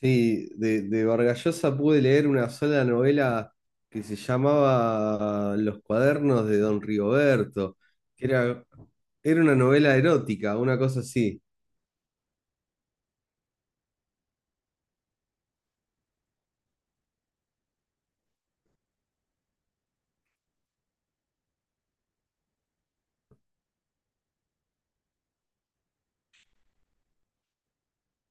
Sí, de Vargas Llosa pude leer una sola novela que se llamaba Los Cuadernos de Don Rigoberto, que era, era una novela erótica, una cosa así.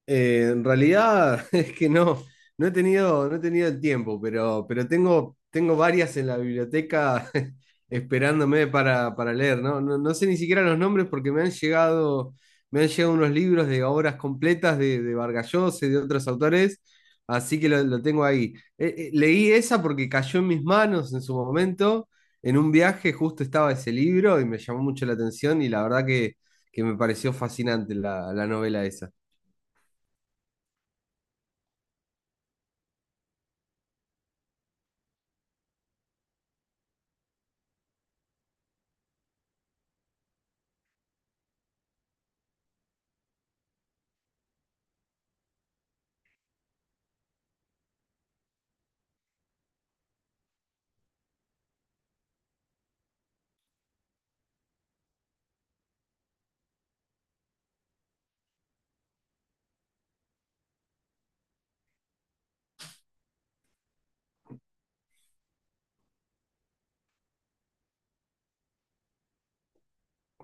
En realidad es que no, no he tenido, no he tenido el tiempo, pero tengo, tengo varias en la biblioteca esperándome para leer, ¿no? No sé ni siquiera los nombres porque me han llegado unos libros de obras completas de Vargas Llosa y de otros autores, así que lo tengo ahí. Leí esa porque cayó en mis manos en su momento, en un viaje justo estaba ese libro y me llamó mucho la atención y la verdad que me pareció fascinante la novela esa.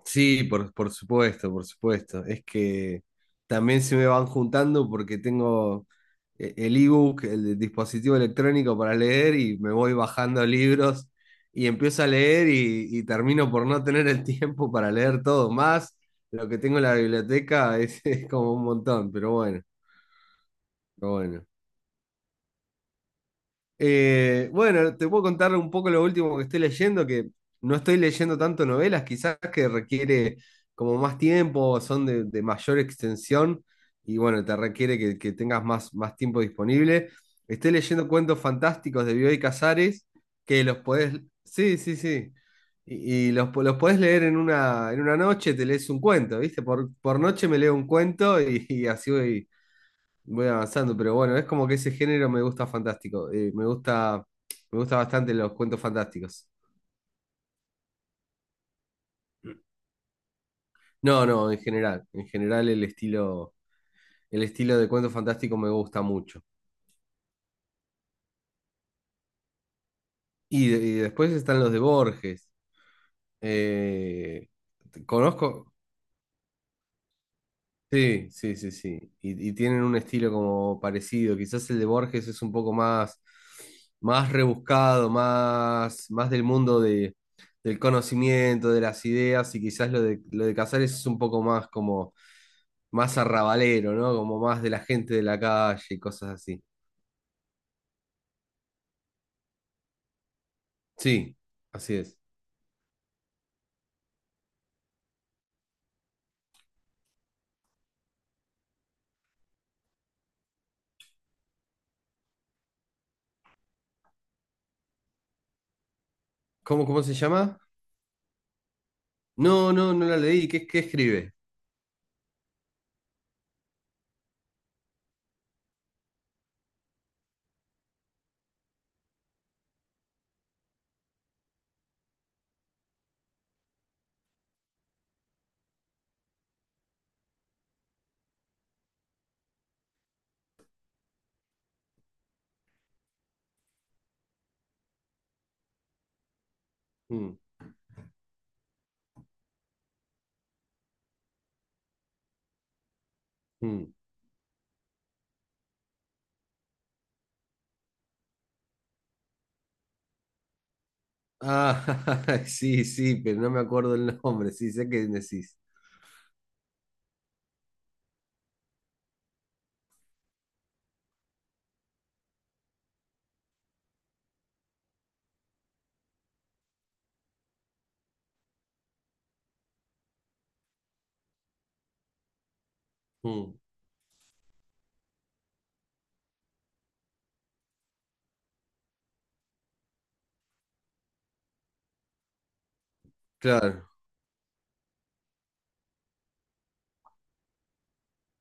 Sí, por supuesto, por supuesto. Es que también se me van juntando porque tengo el ebook, el dispositivo electrónico para leer y me voy bajando libros y empiezo a leer y termino por no tener el tiempo para leer todo. Más lo que tengo en la biblioteca es, es como un montón, pero bueno, pero bueno. Bueno, te puedo contar un poco lo último que estoy leyendo, que no estoy leyendo tanto novelas, quizás que requiere como más tiempo, son de mayor extensión y bueno, te requiere que tengas más, más tiempo disponible. Estoy leyendo cuentos fantásticos de Bioy Casares, que los podés, sí, sí, sí, los podés leer en una noche, te lees un cuento, ¿viste? Por noche me leo un cuento y así voy, voy avanzando, pero bueno, es como que ese género me gusta fantástico. Me gusta bastante los cuentos fantásticos. No, no, en general. En general el estilo de cuento fantástico me gusta mucho. Y después están los de Borges. eh, Conozco. Sí, sí, sí, sí. Y tienen un estilo como parecido. Quizás el de Borges es un poco más, más rebuscado, más del mundo de, del conocimiento, de las ideas, y quizás lo lo de Casares es un poco más como más arrabalero, ¿no? Como más de la gente de la calle y cosas así. Sí, así es. ¿Cómo, cómo se llama? No, no, no la leí. ¿Qué, qué escribe? Mm, mm. Ah, sí, sí, pero no me acuerdo el nombre. Sí, sé qué decís. Mm. Claro,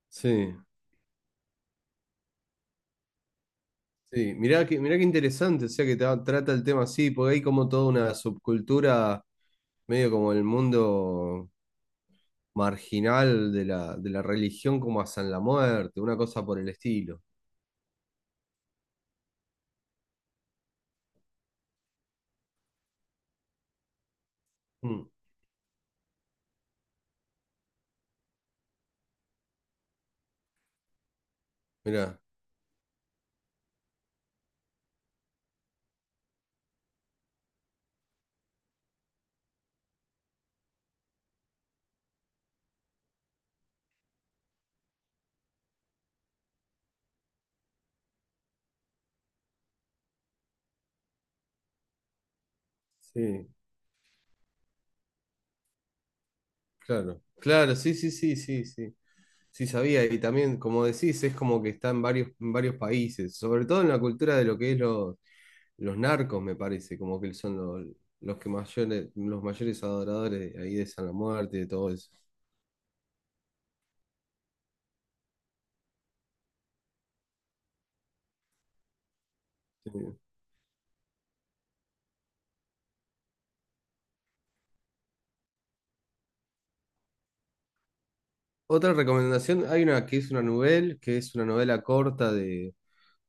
sí, sí. Mirá que, mirá qué interesante, o sea que trata el tema así, porque hay como toda una subcultura, medio como el mundo marginal de la religión, como hasta en la muerte, una cosa por el estilo. Mm, mirá, sí, claro. Claro, sí, sí, sí, sí, sí. Sí, sabía, y también, como decís, es como que está en varios países, sobre todo en la cultura de lo que es los narcos, me parece, como que son los que mayores, los mayores adoradores de ahí de San la Muerte y de todo eso. Sí. Otra recomendación, hay una que es una novela, que es una novela corta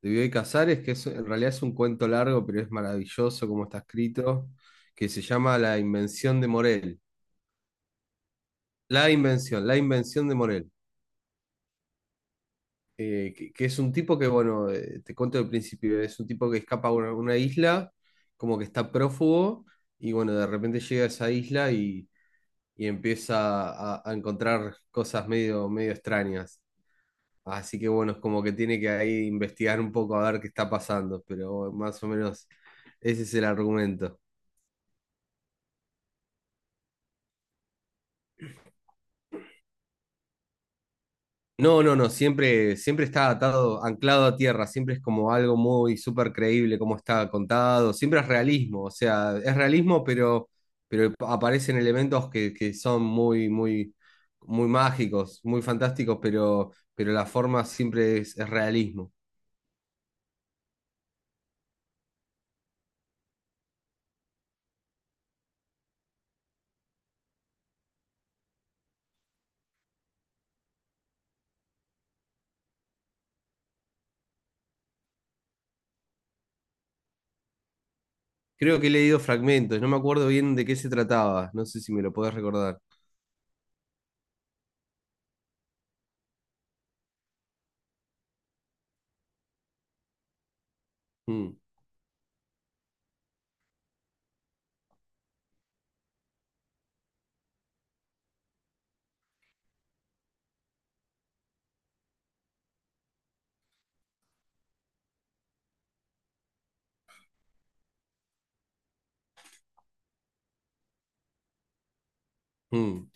de Bioy Casares, que es, en realidad es un cuento largo, pero es maravilloso como está escrito, que se llama La Invención de Morel. La Invención, La Invención de Morel. Que es un tipo que, bueno, te cuento del principio, es un tipo que escapa a una isla, como que está prófugo, y bueno, de repente llega a esa isla y empieza a encontrar cosas medio, medio extrañas. Así que bueno, es como que tiene que ahí investigar un poco a ver qué está pasando, pero bueno, más o menos ese es el argumento. No, no, no, siempre, siempre está atado, anclado a tierra, siempre es como algo muy súper creíble como está contado, siempre es realismo, o sea, es realismo, pero aparecen elementos que son muy, muy, muy mágicos, muy fantásticos, pero la forma siempre es realismo. Creo que he leído fragmentos, no me acuerdo bien de qué se trataba, no sé si me lo podés recordar. Mm, mm,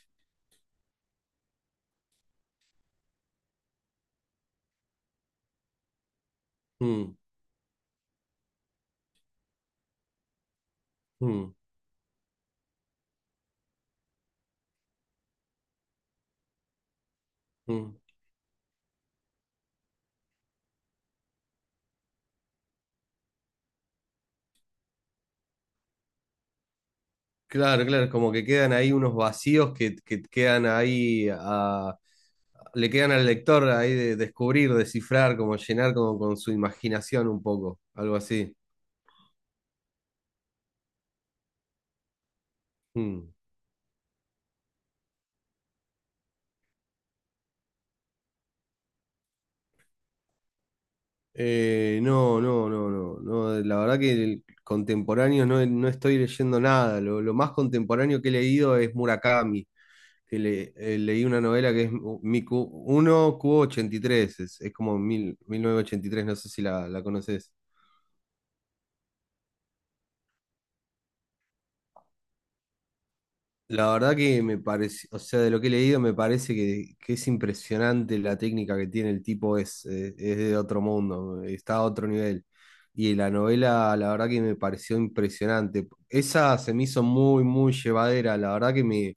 mm, mm, mm. Claro, claro, como que quedan ahí unos vacíos que quedan ahí a, le quedan al lector ahí de descubrir, descifrar, como llenar como con su imaginación un poco, algo así. Mm. No, no, no, no, no, la verdad que el contemporáneo no, no estoy leyendo nada, lo más contemporáneo que he leído es Murakami, que le, leí una novela que es Miku 1 q ochenta y tres. Es como mil, 1983. No sé si la conoces. La verdad que me parece, o sea, de lo que he leído me parece que es impresionante la técnica que tiene el tipo, es de otro mundo, está a otro nivel. Y la novela, la verdad que me pareció impresionante. Esa se me hizo muy, muy llevadera, la verdad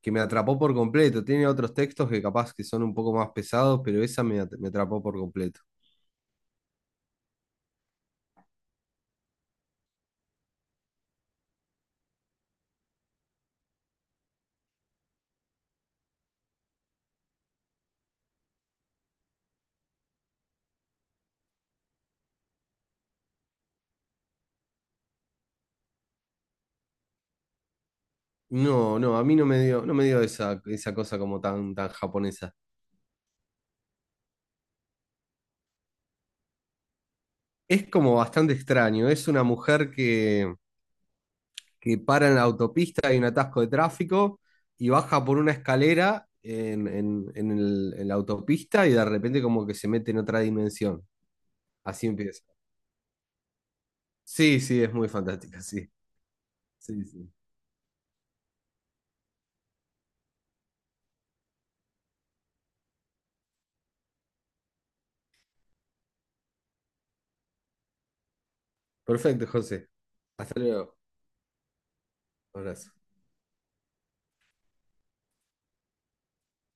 que me atrapó por completo. Tiene otros textos que capaz que son un poco más pesados, pero esa me, me atrapó por completo. No, no, a mí no me dio, no me dio esa, esa cosa como tan, tan japonesa. Es como bastante extraño, es una mujer que para en la autopista, hay un atasco de tráfico y baja por una escalera en la autopista y de repente como que se mete en otra dimensión. Así empieza. Sí, sí, es muy fantástica, sí. Sí, sí. Perfecto, José. Hasta luego. Abrazo.